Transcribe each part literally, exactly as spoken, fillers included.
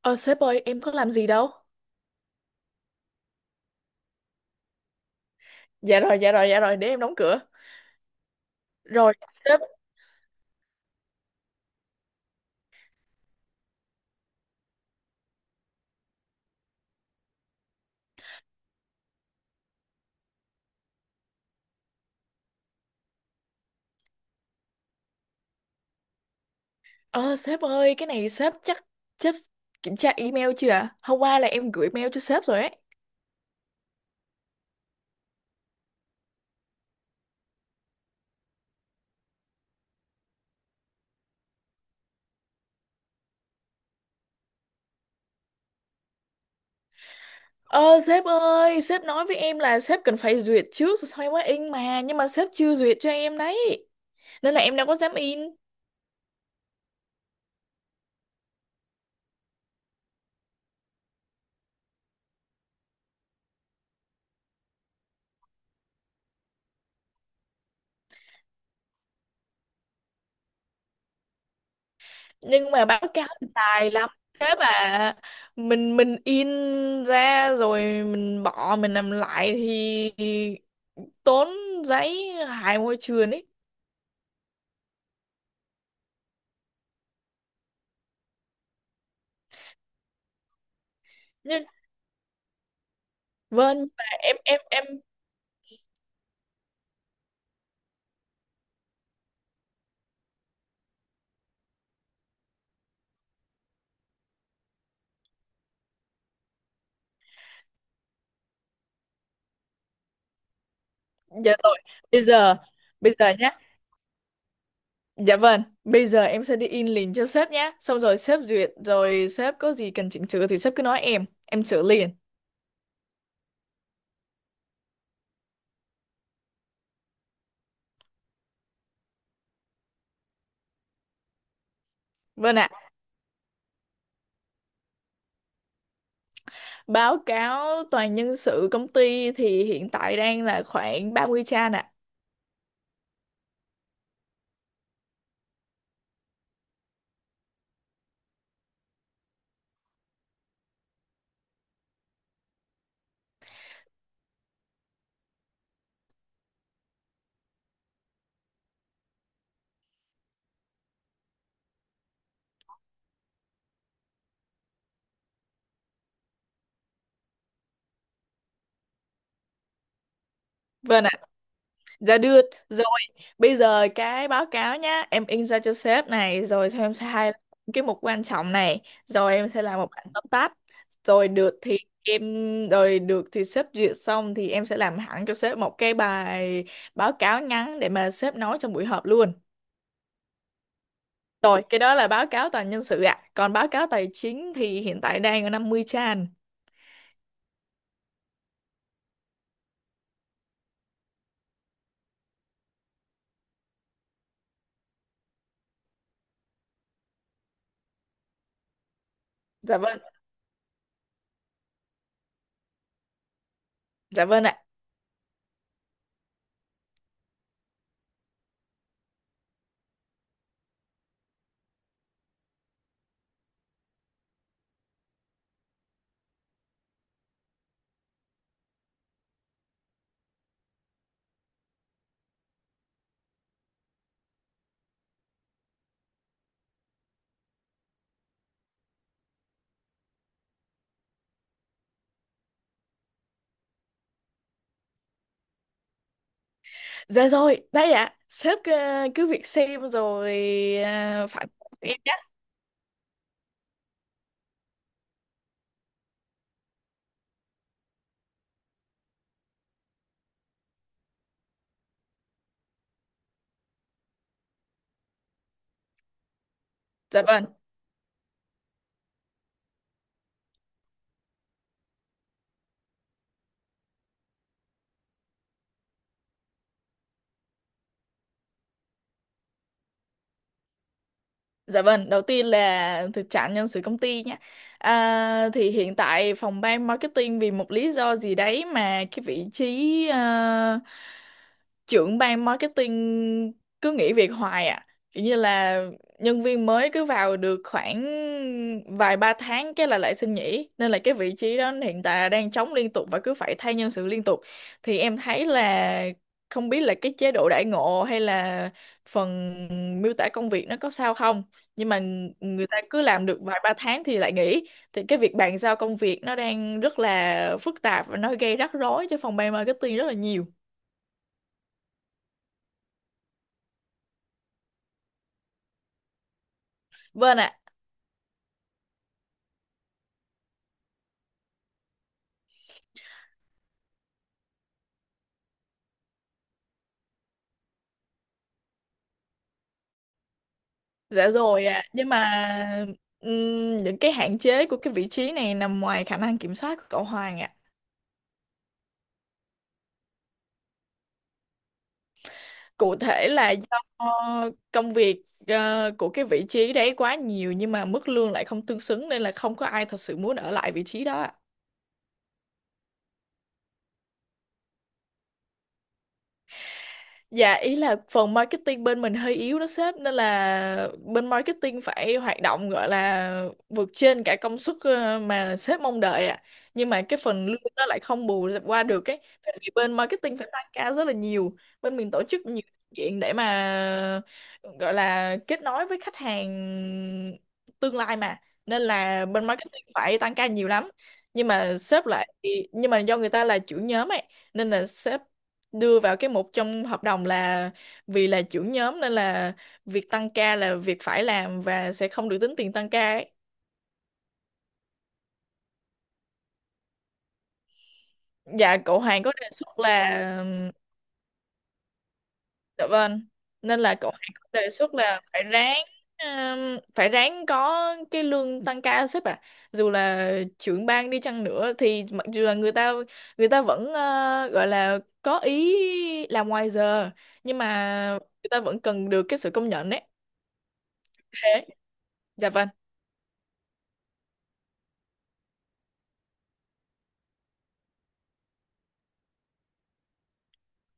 Ờ Sếp ơi, em có làm gì đâu. Dạ rồi, dạ rồi, dạ rồi, để em đóng cửa. Rồi sếp. Ờ Sếp ơi, cái này sếp chắc Sếp kiểm tra email chưa ạ? Hôm qua là em gửi mail cho sếp rồi ấy. Ờ Sếp ơi, sếp nói với em là sếp cần phải duyệt trước rồi sau mới in mà. Nhưng mà sếp chưa duyệt cho em đấy. Nên là em đâu có dám in. Nhưng mà báo cáo thì tài lắm. Sếp à! Mình mình in ra rồi mình bỏ mình làm lại thì tốn giấy, hại môi trường ấy. Nhưng vâng, nhưng mà em em em Dạ rồi. Bây giờ bây giờ nhá. Dạ vâng, bây giờ em sẽ đi in liền cho sếp nhá. Xong rồi sếp duyệt, rồi sếp có gì cần chỉnh sửa thì sếp cứ nói em, em sửa liền. Vâng ạ. Báo cáo toàn nhân sự công ty thì hiện tại đang là khoảng ba mươi trang ạ. Vâng ạ. Dạ được. Bây giờ cái báo cáo nhá, em in ra cho sếp này, rồi cho em sai cái mục quan trọng này, rồi em sẽ làm một bản tóm tắt, rồi được thì em, rồi được thì sếp duyệt xong thì em sẽ làm hẳn cho sếp một cái bài báo cáo ngắn để mà sếp nói trong buổi họp luôn. Rồi, cái đó là báo cáo toàn nhân sự ạ. Còn báo cáo tài chính thì hiện tại đang ở năm mươi trang. Dạ vâng, dạ vâng ạ. Dạ rồi, đây ạ. Sếp ờ, cứ việc xem rồi ờ, phản hồi cho em nhé. Dạ vâng. Dạ vâng, đầu tiên là thực trạng nhân sự công ty nhé. À, thì hiện tại phòng ban marketing vì một lý do gì đấy mà cái vị trí à, trưởng ban marketing cứ nghỉ việc hoài à. Kiểu như là nhân viên mới cứ vào được khoảng vài ba tháng cái là lại xin nghỉ. Nên là cái vị trí đó hiện tại là đang trống liên tục và cứ phải thay nhân sự liên tục. Thì em thấy là không biết là cái chế độ đãi ngộ hay là phần miêu tả công việc nó có sao không, nhưng mà người ta cứ làm được vài ba tháng thì lại nghỉ, thì cái việc bàn giao công việc nó đang rất là phức tạp và nó gây rắc rối cho phòng ban marketing rất là nhiều. Vâng ạ. Dạ rồi ạ, nhưng mà ừm, những cái hạn chế của cái vị trí này nằm ngoài khả năng kiểm soát của cậu Hoàng ạ. Cụ thể là do công việc ờ, của cái vị trí đấy quá nhiều nhưng mà mức lương lại không tương xứng nên là không có ai thật sự muốn ở lại vị trí đó ạ. Dạ ý là phần marketing bên mình hơi yếu đó sếp, nên là bên marketing phải hoạt động, gọi là vượt trên cả công suất ờ, mà sếp mong đợi ạ. Nhưng mà cái phần lương nó lại không bù qua được cái, tại vì bên marketing phải tăng ca rất là nhiều. Bên mình tổ chức nhiều sự kiện để mà gọi là kết nối với khách hàng tương lai mà, nên là bên marketing phải tăng ca nhiều lắm. Nhưng mà sếp lại nhưng mà do người ta là chủ nhóm ấy nên là sếp đưa vào cái mục trong hợp đồng là vì là trưởng nhóm nên là việc tăng ca là việc phải làm và sẽ không được tính tiền tăng ca ấy. Dạ cậu Hoàng có đề xuất là. Dạ vâng. Nên là cậu Hoàng có đề xuất là phải ráng ừm, phải ráng có cái lương tăng ca sếp ạ, dù là trưởng ban đi chăng nữa thì mặc dù là người ta người ta vẫn ờ, gọi là có ý làm ngoài giờ, nhưng mà người ta vẫn cần được cái sự công nhận ấy. Thế. Dạ vâng,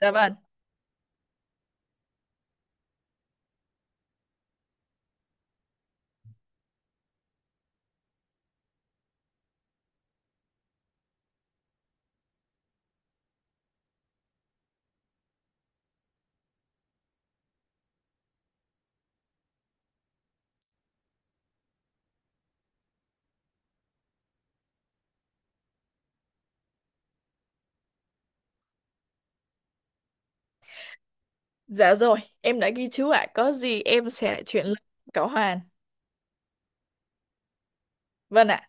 dạ vâng. Dạ rồi, em đã ghi chú ạ. Có gì em sẽ lại chuyển lên cậu Hoàn. Vâng ạ.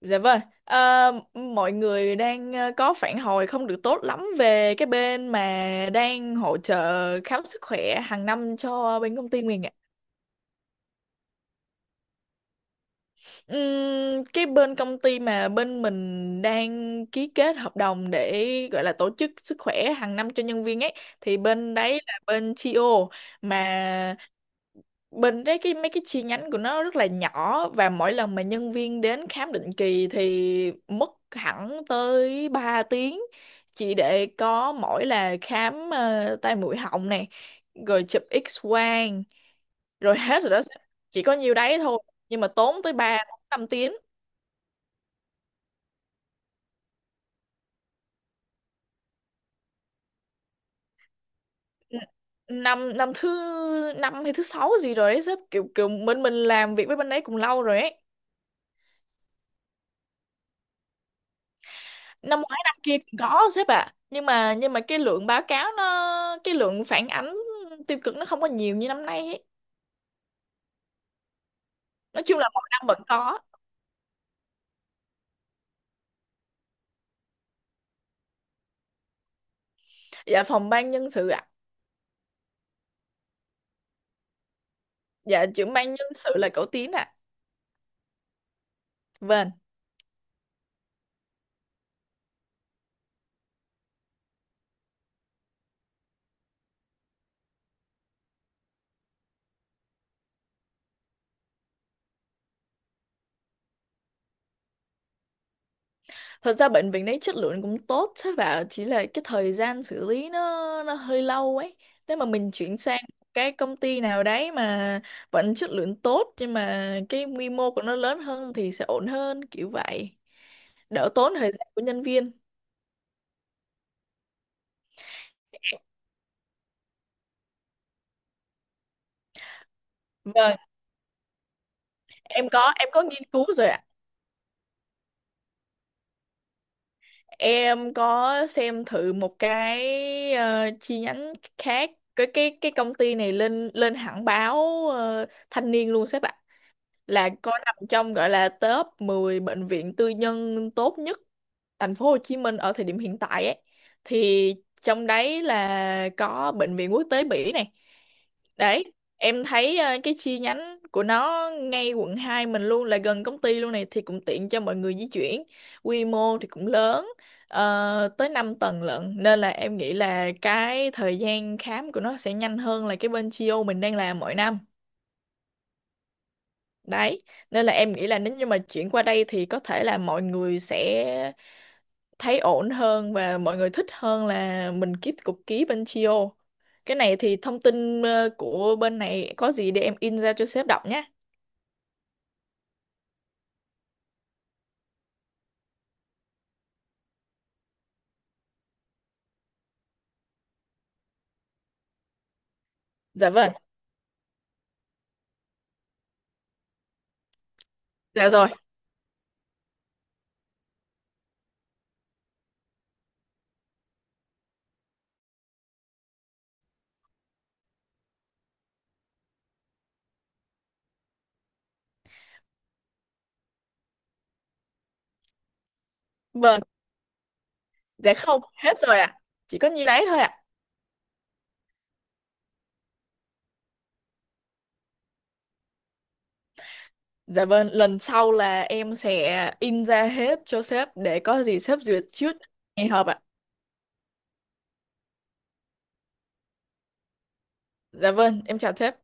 Dạ vâng. Ờ, Mọi người đang ờ, có phản hồi không được tốt lắm về cái bên mà đang hỗ trợ khám sức khỏe hàng năm cho bên công ty mình ạ. Ừm, cái bên công ty mà bên mình đang ký kết hợp đồng để gọi là tổ chức sức khỏe hàng năm cho nhân viên ấy thì bên đấy là bên tê ô mà. Bình đấy, cái mấy cái chi nhánh của nó rất là nhỏ và mỗi lần mà nhân viên đến khám định kỳ thì mất hẳn tới ba tiếng, chỉ để có mỗi là khám ờ, tai mũi họng này, rồi chụp X quang, rồi hết rồi đó. Chỉ có nhiêu đấy thôi, nhưng mà tốn tới ba năm tiếng. N- năm năm thứ năm hay thứ sáu gì rồi đấy sếp, kiểu kiểu bên mình làm việc với bên đấy cũng lâu rồi ấy. Năm ngoái năm kia cũng có sếp ạ, nhưng mà nhưng mà cái lượng báo cáo nó cái lượng phản ánh tiêu cực nó không có nhiều như năm nay ấy. Nói chung là mỗi năm vẫn có. Dạ phòng ban nhân sự ạ. Dạ trưởng ban nhân sự là cậu Tiến ạ. Vâng. Thật ra bệnh viện đấy chất lượng cũng tốt sếp ạ, chỉ là cái thời gian xử lý nó nó hơi lâu ấy. Nếu mà mình chuyển sang cái công ty nào đấy mà vẫn chất lượng tốt nhưng mà cái quy mô của nó lớn hơn thì sẽ ổn hơn kiểu vậy, đỡ tốn thời gian của nhân viên. Vâng, em có em có nghiên cứu rồi ạ. Em có xem thử một cái ờ, chi nhánh khác, cái cái cái công ty này lên lên hẳn báo ờ, thanh niên luôn sếp ạ, là cô nằm trong gọi là top mười bệnh viện tư nhân tốt nhất thành phố Hồ Chí Minh ở thời điểm hiện tại ấy. Thì trong đấy là có bệnh viện quốc tế Bỉ này. Đấy, em thấy ờ, cái chi nhánh của nó ngay quận hai mình luôn, là gần công ty luôn này thì cũng tiện cho mọi người di chuyển. Quy mô thì cũng lớn ờ, tới năm tầng lận, nên là em nghĩ là cái thời gian khám của nó sẽ nhanh hơn là cái bên Chio mình đang làm mỗi năm. Đấy, nên là em nghĩ là nếu như mà chuyển qua đây thì có thể là mọi người sẽ thấy ổn hơn và mọi người thích hơn là mình kiếp cục ký bên Chio. Cái này thì thông tin ờ, của bên này có gì để em in ra cho sếp đọc nhé. Dạ vâng, dạ rồi, vâng, dạ không, hết rồi ạ. Chỉ có nhiêu đấy thôi ạ. Dạ vâng, lần sau là em sẽ in ra hết cho sếp để có gì sếp duyệt trước ngày họp ạ. Dạ vâng, em chào sếp.